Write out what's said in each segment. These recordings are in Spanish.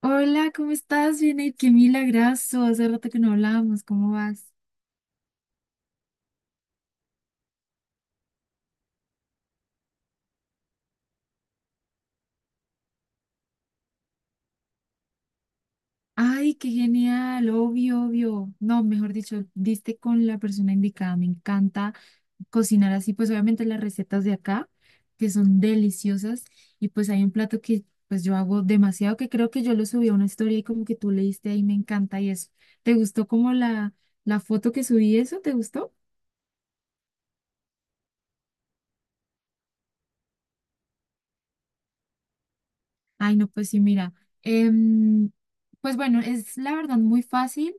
Hola, ¿cómo estás? Bien, y qué milagrazo. Hace rato que no hablábamos. ¿Cómo vas? Ay, qué genial, obvio, obvio. No, mejor dicho, diste con la persona indicada. Me encanta cocinar así, pues obviamente las recetas de acá, que son deliciosas. Y pues hay un plato que pues yo hago demasiado, que creo que yo lo subí a una historia y como que tú leíste ahí, me encanta y eso. ¿Te gustó como la foto que subí eso? ¿Te gustó? Ay, no, pues sí, mira. em, pues bueno, es la verdad muy fácil.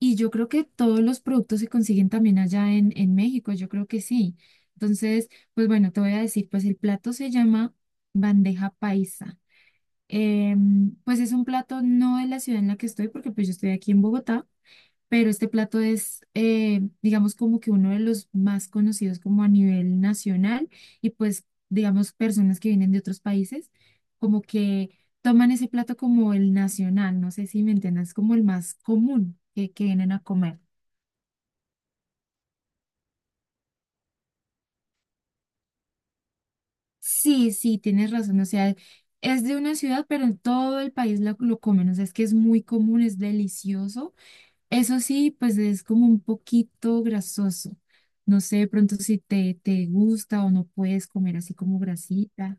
Y yo creo que todos los productos se consiguen también allá en México, yo creo que sí. Entonces, pues bueno, te voy a decir, pues el plato se llama bandeja paisa. Pues es un plato no de la ciudad en la que estoy, porque pues yo estoy aquí en Bogotá, pero este plato es, digamos, como que uno de los más conocidos como a nivel nacional y pues, digamos, personas que vienen de otros países, como que toman ese plato como el nacional, no sé si me entiendes, como el más común que vienen a comer. Sí, sí, tienes razón. O sea, es de una ciudad, pero en todo el país lo comen. O sea, es que es muy común, es delicioso. Eso sí, pues es como un poquito grasoso. No sé, de pronto si te gusta o no puedes comer así como grasita.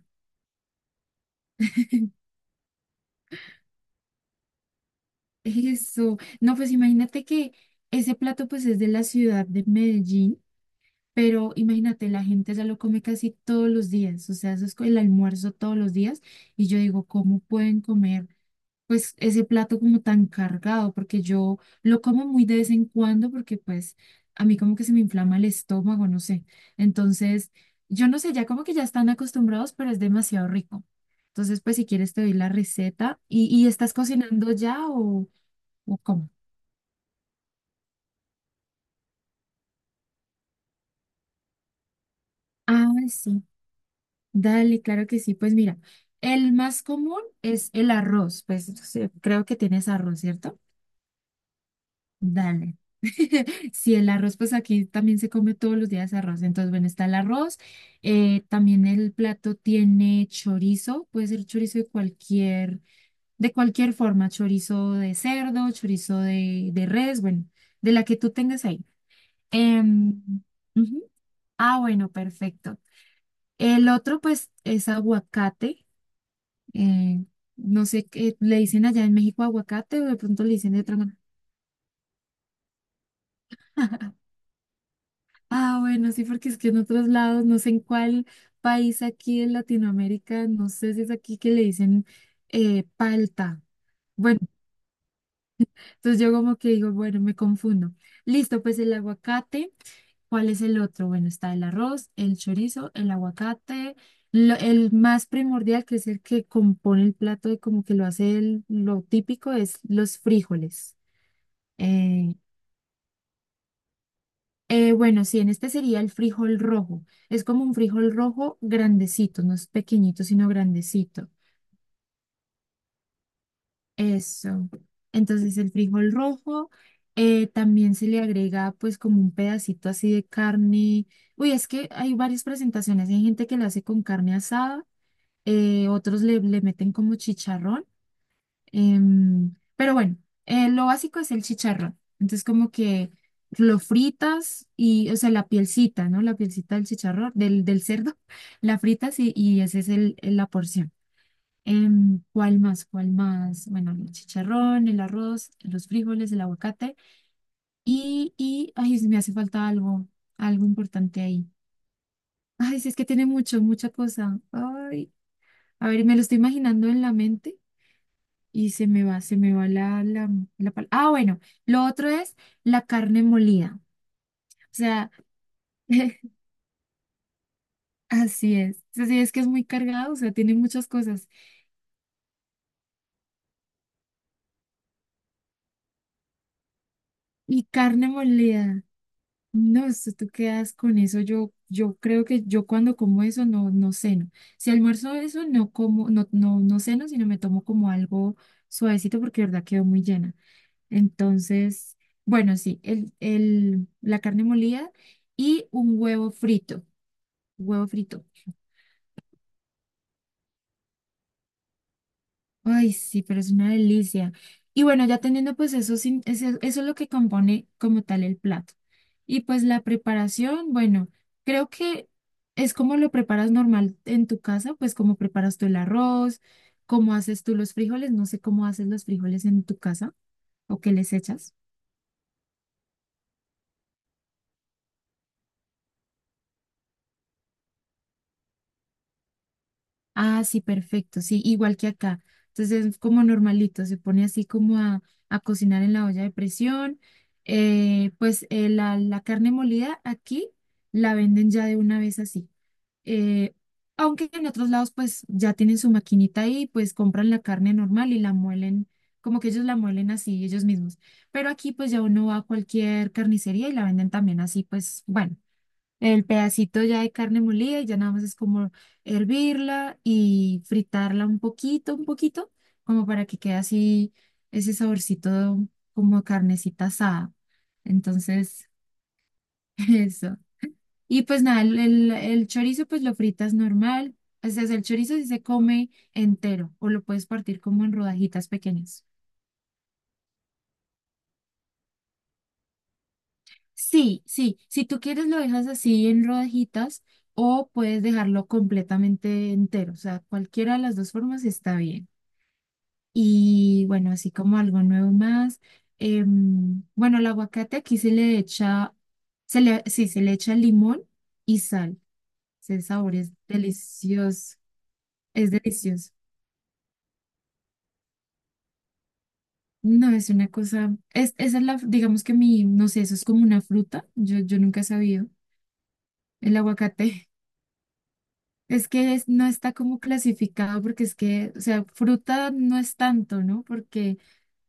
Eso. No, pues imagínate que ese plato pues es de la ciudad de Medellín, pero imagínate, la gente ya lo come casi todos los días. O sea, eso es el almuerzo todos los días. Y yo digo, ¿cómo pueden comer pues ese plato como tan cargado? Porque yo lo como muy de vez en cuando, porque pues a mí como que se me inflama el estómago, no sé. Entonces, yo no sé, ya como que ya están acostumbrados, pero es demasiado rico. Entonces, pues si quieres te doy la receta. Y estás cocinando ya o cómo? Ah, sí, dale, claro que sí. Pues mira, el más común es el arroz, pues sí, creo que tienes arroz, ¿cierto? Dale. si el arroz, pues aquí también se come todos los días arroz. Entonces, bueno, está el arroz. También el plato tiene chorizo, puede ser chorizo de cualquier forma, chorizo de cerdo, chorizo de res, bueno, de la que tú tengas ahí. Em, Ujú. Ah, bueno, perfecto. El otro, pues, es aguacate. eh, no sé qué le dicen allá en México, aguacate, o de pronto le dicen de otra manera. Ah, bueno, sí, porque es que en otros lados, no sé en cuál país aquí en Latinoamérica, no sé si es aquí que le dicen palta. Bueno, entonces yo como que digo, bueno, me confundo. Listo, pues el aguacate. ¿Cuál es el otro? Bueno, está el arroz, el chorizo, el aguacate, lo- el más primordial, que es el que compone el plato y como que lo hace el- lo típico, es los frijoles. Eh, bueno, sí, en este sería el frijol rojo. Es como un frijol rojo grandecito, no es pequeñito, sino grandecito. Eso. Entonces el frijol rojo, también se le agrega pues como un pedacito así de carne. Uy, es que hay varias presentaciones. Hay gente que lo hace con carne asada, otros le meten como chicharrón. Pero bueno, lo básico es el chicharrón. Entonces, como que lo fritas y, o sea, la pielcita, ¿no? La pielcita del chicharrón, del cerdo, la fritas y esa es el- la porción. ¿Cuál más? ¿Cuál más? Bueno, el chicharrón, el arroz, los frijoles, el aguacate y, ay, me hace falta algo, algo importante ahí. Ay, sí, es que tiene mucho, mucha cosa. Ay, a ver, me lo estoy imaginando en la mente. Y se me va la pal- Ah, bueno, lo otro es la carne molida. O sea, así es. Así es que es muy cargado, o sea, tiene muchas cosas. Y carne molida. No, esto tú quedas con eso. Yo creo que yo cuando como eso no, no ceno. Si almuerzo eso, no como, no, no, no ceno, sino me tomo como algo suavecito porque de verdad quedo muy llena. Entonces, bueno, sí, la carne molida y un huevo frito. Huevo frito. Ay, sí, pero es una delicia. Y bueno, ya teniendo pues eso, sin- ese- eso es lo que compone como tal el plato. Y pues la preparación, bueno, creo que es como lo preparas normal en tu casa, pues como preparas tú el arroz, cómo haces tú los frijoles, no sé cómo haces los frijoles en tu casa o qué les echas. Ah, sí, perfecto, sí, igual que acá. Entonces es como normalito, se pone así como a cocinar en la olla de presión. Pues la carne molida aquí la venden ya de una vez así. Eh, Aunque en otros lados pues ya tienen su maquinita ahí, pues compran la carne normal y la muelen, como que ellos la muelen así ellos mismos. Pero aquí pues ya uno va a cualquier carnicería y la venden también así, pues bueno el pedacito ya de carne molida y ya nada más es como hervirla y fritarla un poquito, como para que quede así ese saborcito como carnecita asada. Entonces, eso. Y pues nada, el chorizo pues lo fritas normal. O sea, el chorizo sí se come entero o lo puedes partir como en rodajitas pequeñas. Sí, sí, si tú quieres lo dejas así en rodajitas o puedes dejarlo completamente entero, o sea, cualquiera de las dos formas está bien. Y bueno, así como algo nuevo más, bueno, el aguacate aquí se le echa, sí, se le echa limón y sal. Ese sabor es delicioso, es delicioso. No, es una cosa, es, esa es la, digamos que mi, no sé, eso es como una fruta, yo nunca he sabido, el aguacate. Es que es- no está como clasificado porque es que, o sea, fruta no es tanto, ¿no? Porque, o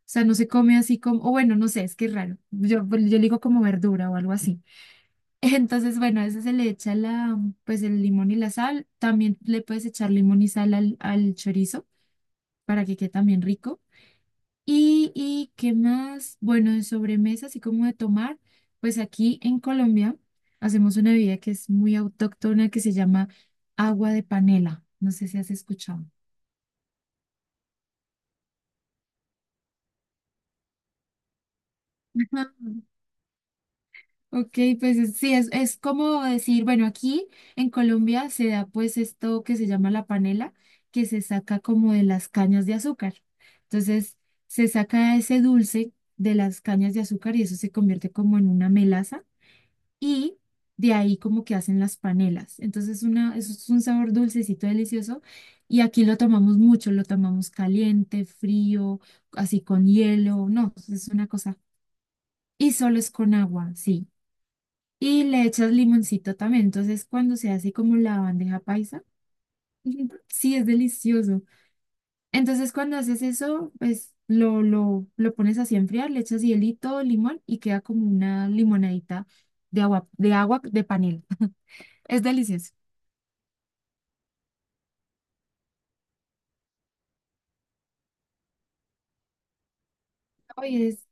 sea, no se come así como, o bueno, no sé, es que es raro. Yo, pues, yo le digo como verdura o algo así. Entonces, bueno, a eso se le echa la, pues el limón y la sal. También le puedes echar limón y sal al, al chorizo para que quede también rico. Y qué más, bueno, de sobremesa, así como de tomar, pues aquí en Colombia hacemos una bebida que es muy autóctona que se llama agua de panela. No sé si has escuchado. Ajá. Ok, pues es- sí, es como decir, bueno, aquí en Colombia se da pues esto que se llama la panela, que se saca como de las cañas de azúcar. Entonces, se saca ese dulce de las cañas de azúcar y eso se convierte como en una melaza y de ahí como que hacen las panelas. Entonces una, eso es un sabor dulcecito delicioso y aquí lo tomamos mucho, lo tomamos caliente, frío, así con hielo, no, es una cosa. Y solo es con agua, sí. Y le echas limoncito también. Entonces cuando se hace como la bandeja paisa, sí, es delicioso. Entonces cuando haces eso, pues... lo pones así a enfriar, le echas hielito, limón y queda como una limonadita de agua, de agua de panela. Es delicioso. Oye, es-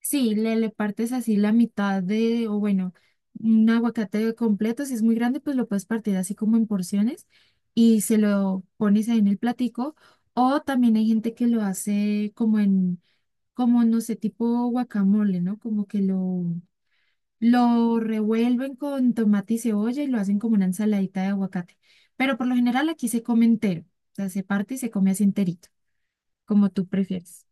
sí, le partes así la mitad de, o bueno, un aguacate completo, si es muy grande, pues lo puedes partir así como en porciones y se lo pones ahí en el platico. O también hay gente que lo hace como en, como no sé, tipo guacamole, ¿no? Como que lo revuelven con tomate y cebolla y lo hacen como una ensaladita de aguacate. Pero por lo general aquí se come entero, o sea, se parte y se come así enterito, como tú prefieres.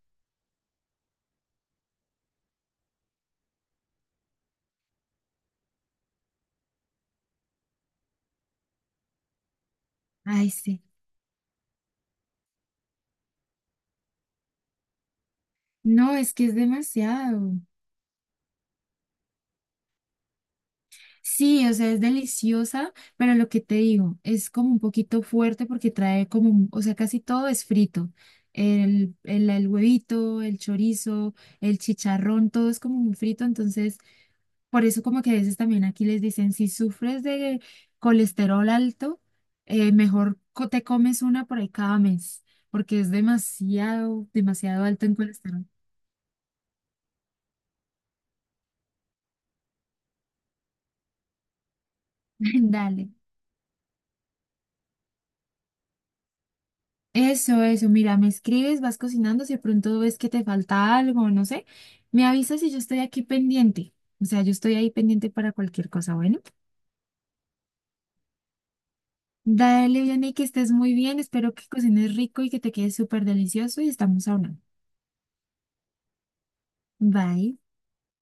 Ay, sí. No, es que es demasiado. Sí, o sea, es deliciosa, pero lo que te digo, es como un poquito fuerte porque trae como, un- o sea, casi todo es frito. El huevito, el chorizo, el chicharrón, todo es como muy frito, entonces por eso como que a veces también aquí les dicen, si sufres de colesterol alto, mejor co- te comes una por ahí cada mes, porque es demasiado, demasiado alto en colesterol. Dale. Eso, mira, me escribes, vas cocinando, si de pronto ves que te falta algo, no sé, me avisas y yo estoy aquí pendiente. O sea, yo estoy ahí pendiente para cualquier cosa, bueno. Dale, Vianney, que estés muy bien, espero que cocines rico y que te quede súper delicioso y estamos hablando. Bye.